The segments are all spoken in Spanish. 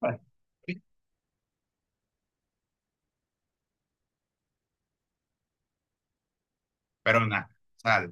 Ay. Pero nada, o sea,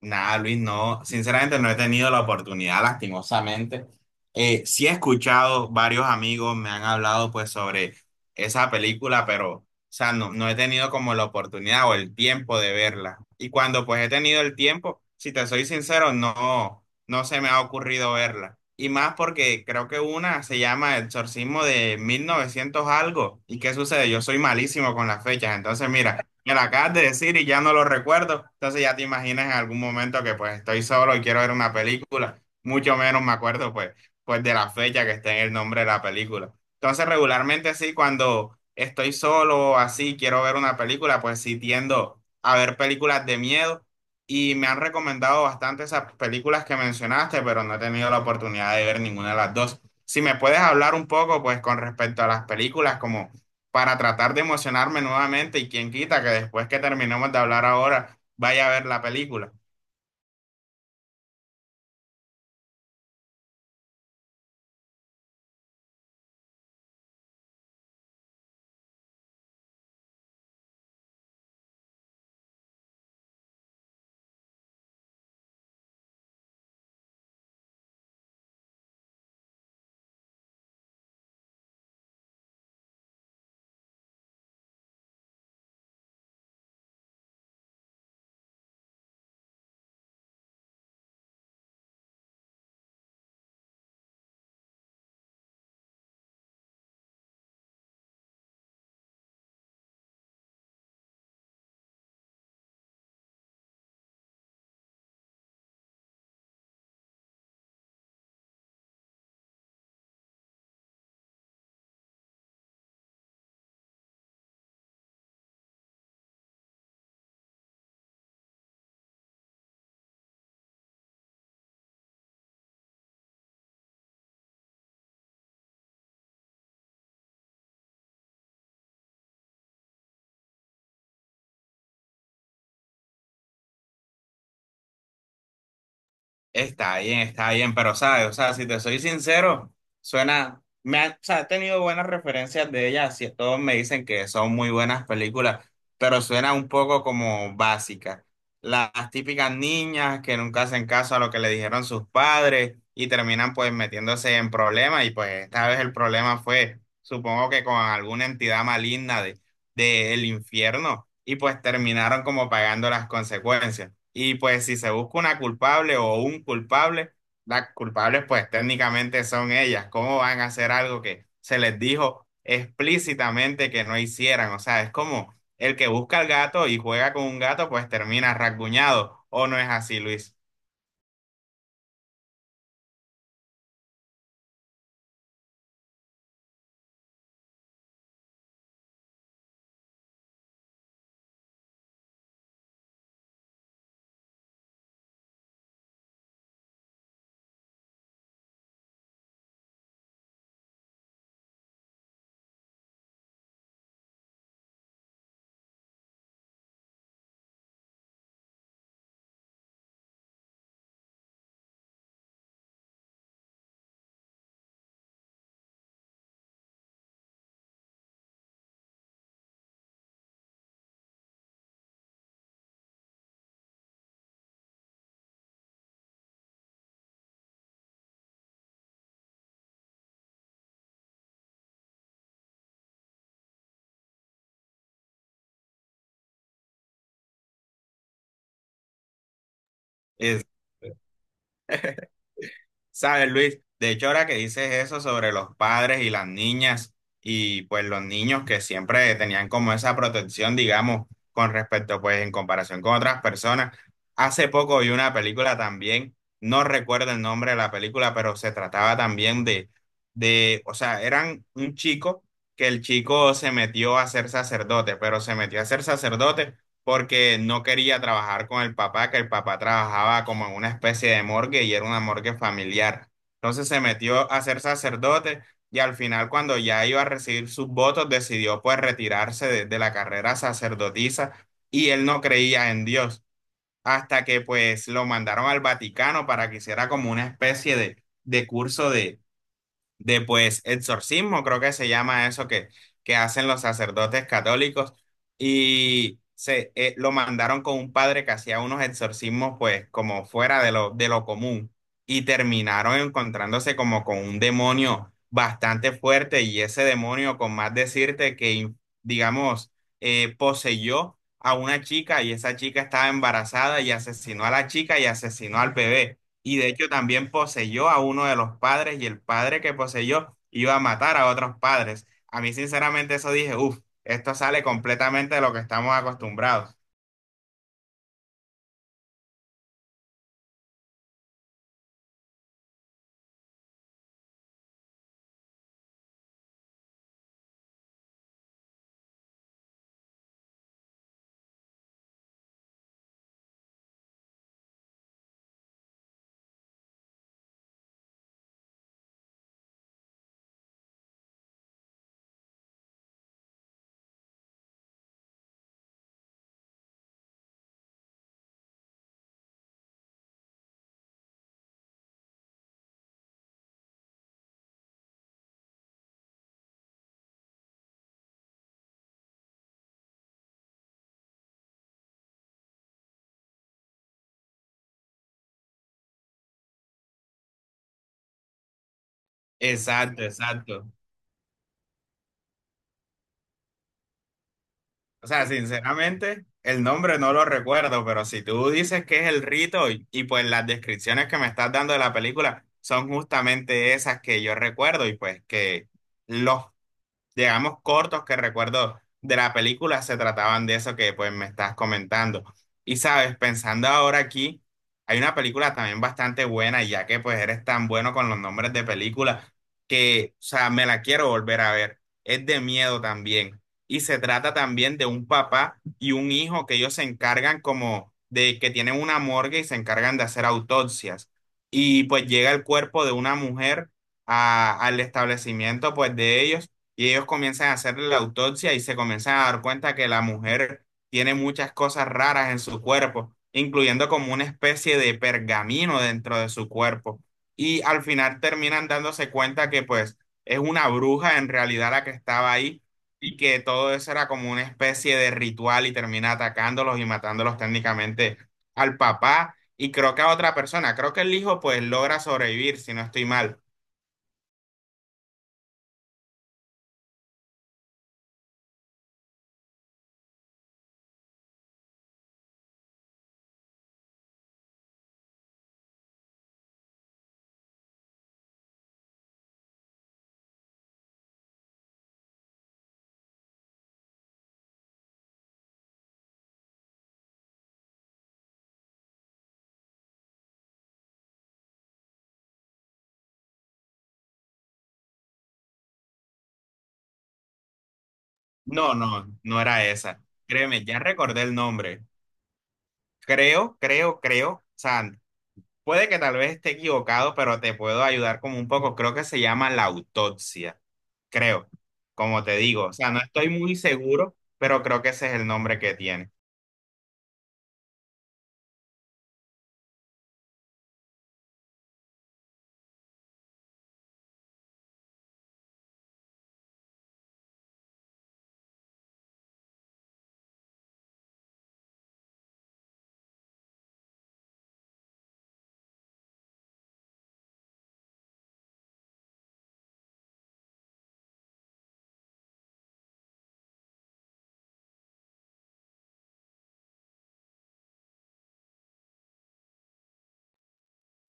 nada, Luis, no, sinceramente no he tenido la oportunidad, lastimosamente. Sí he escuchado, varios amigos me han hablado pues sobre esa película, pero, o sea, no he tenido como la oportunidad o el tiempo de verla. Y cuando pues he tenido el tiempo, si te soy sincero, no se me ha ocurrido verla. Y más porque creo que una se llama El Exorcismo de 1900 algo. ¿Y qué sucede? Yo soy malísimo con las fechas, entonces mira. Me lo acabas de decir y ya no lo recuerdo. Entonces ya te imaginas en algún momento que pues estoy solo y quiero ver una película. Mucho menos me acuerdo pues de la fecha que está en el nombre de la película. Entonces regularmente sí, cuando estoy solo o así, quiero ver una película, pues sí tiendo a ver películas de miedo. Y me han recomendado bastante esas películas que mencionaste, pero no he tenido la oportunidad de ver ninguna de las dos. Si me puedes hablar un poco pues con respecto a las películas, como para tratar de emocionarme nuevamente y quien quita que después que terminemos de hablar ahora vaya a ver la película. Está bien, pero sabes, o sea, si te soy sincero, suena, o sea, he tenido buenas referencias de ella, así todos me dicen que son muy buenas películas, pero suena un poco como básica. Las típicas niñas que nunca hacen caso a lo que le dijeron sus padres y terminan pues metiéndose en problemas y pues esta vez el problema fue, supongo que con alguna entidad maligna del infierno y pues terminaron como pagando las consecuencias. Y pues si se busca una culpable o un culpable, las culpables pues técnicamente son ellas. ¿Cómo van a hacer algo que se les dijo explícitamente que no hicieran? O sea, es como el que busca al gato y juega con un gato pues termina rasguñado. ¿O no es así, Luis? Es- Sabes, Luis, de hecho ahora que dices eso sobre los padres y las niñas y pues los niños que siempre tenían como esa protección, digamos, con respecto pues en comparación con otras personas, hace poco vi una película también, no recuerdo el nombre de la película, pero se trataba también o sea, eran un chico que el chico se metió a ser sacerdote, pero se metió a ser sacerdote porque no quería trabajar con el papá, que el papá trabajaba como en una especie de morgue y era una morgue familiar. Entonces se metió a ser sacerdote y al final cuando ya iba a recibir sus votos decidió pues retirarse de la carrera sacerdotisa y él no creía en Dios hasta que pues lo mandaron al Vaticano para que hiciera como una especie de curso de pues exorcismo, creo que se llama eso que hacen los sacerdotes católicos, y se lo mandaron con un padre que hacía unos exorcismos pues como fuera de de lo común, y terminaron encontrándose como con un demonio bastante fuerte, y ese demonio, con más decirte digamos, poseyó a una chica y esa chica estaba embarazada y asesinó a la chica y asesinó al bebé y de hecho también poseyó a uno de los padres y el padre que poseyó iba a matar a otros padres. A mí sinceramente eso dije, uff, esto sale completamente de lo que estamos acostumbrados. Exacto, exacto. O sea, sinceramente, el nombre no lo recuerdo, pero si tú dices que es el rito y pues las descripciones que me estás dando de la película son justamente esas que yo recuerdo y pues que los digamos, cortos que recuerdo de la película se trataban de eso que pues me estás comentando. Y sabes, pensando ahora aquí, hay una película también bastante buena, y ya que pues eres tan bueno con los nombres de películas, que, o sea, me la quiero volver a ver. Es de miedo también. Y se trata también de un papá y un hijo que ellos se encargan como de que tienen una morgue y se encargan de hacer autopsias. Y pues llega el cuerpo de una mujer al establecimiento pues de ellos y ellos comienzan a hacer la autopsia y se comienzan a dar cuenta que la mujer tiene muchas cosas raras en su cuerpo, incluyendo como una especie de pergamino dentro de su cuerpo. Y al final terminan dándose cuenta que pues es una bruja en realidad la que estaba ahí y que todo eso era como una especie de ritual y termina atacándolos y matándolos técnicamente al papá y creo que a otra persona. Creo que el hijo pues logra sobrevivir, si no estoy mal. No, no, no era esa. Créeme, ya recordé el nombre. Creo, creo, creo. O sea, puede que tal vez esté equivocado, pero te puedo ayudar como un poco. Creo que se llama la autopsia. Creo, como te digo. O sea, no estoy muy seguro, pero creo que ese es el nombre que tiene.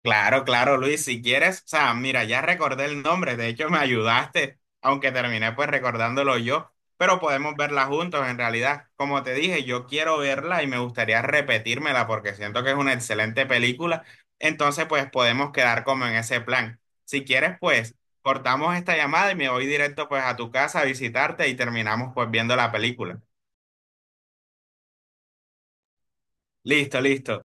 Claro, claro, Luis, si quieres, o sea, mira, ya recordé el nombre, de hecho me ayudaste, aunque terminé pues recordándolo yo, pero podemos verla juntos en realidad. Como te dije, yo quiero verla y me gustaría repetírmela porque siento que es una excelente película, entonces pues podemos quedar como en ese plan. Si quieres, pues cortamos esta llamada y me voy directo pues a tu casa a visitarte y terminamos pues viendo la película. Listo, listo.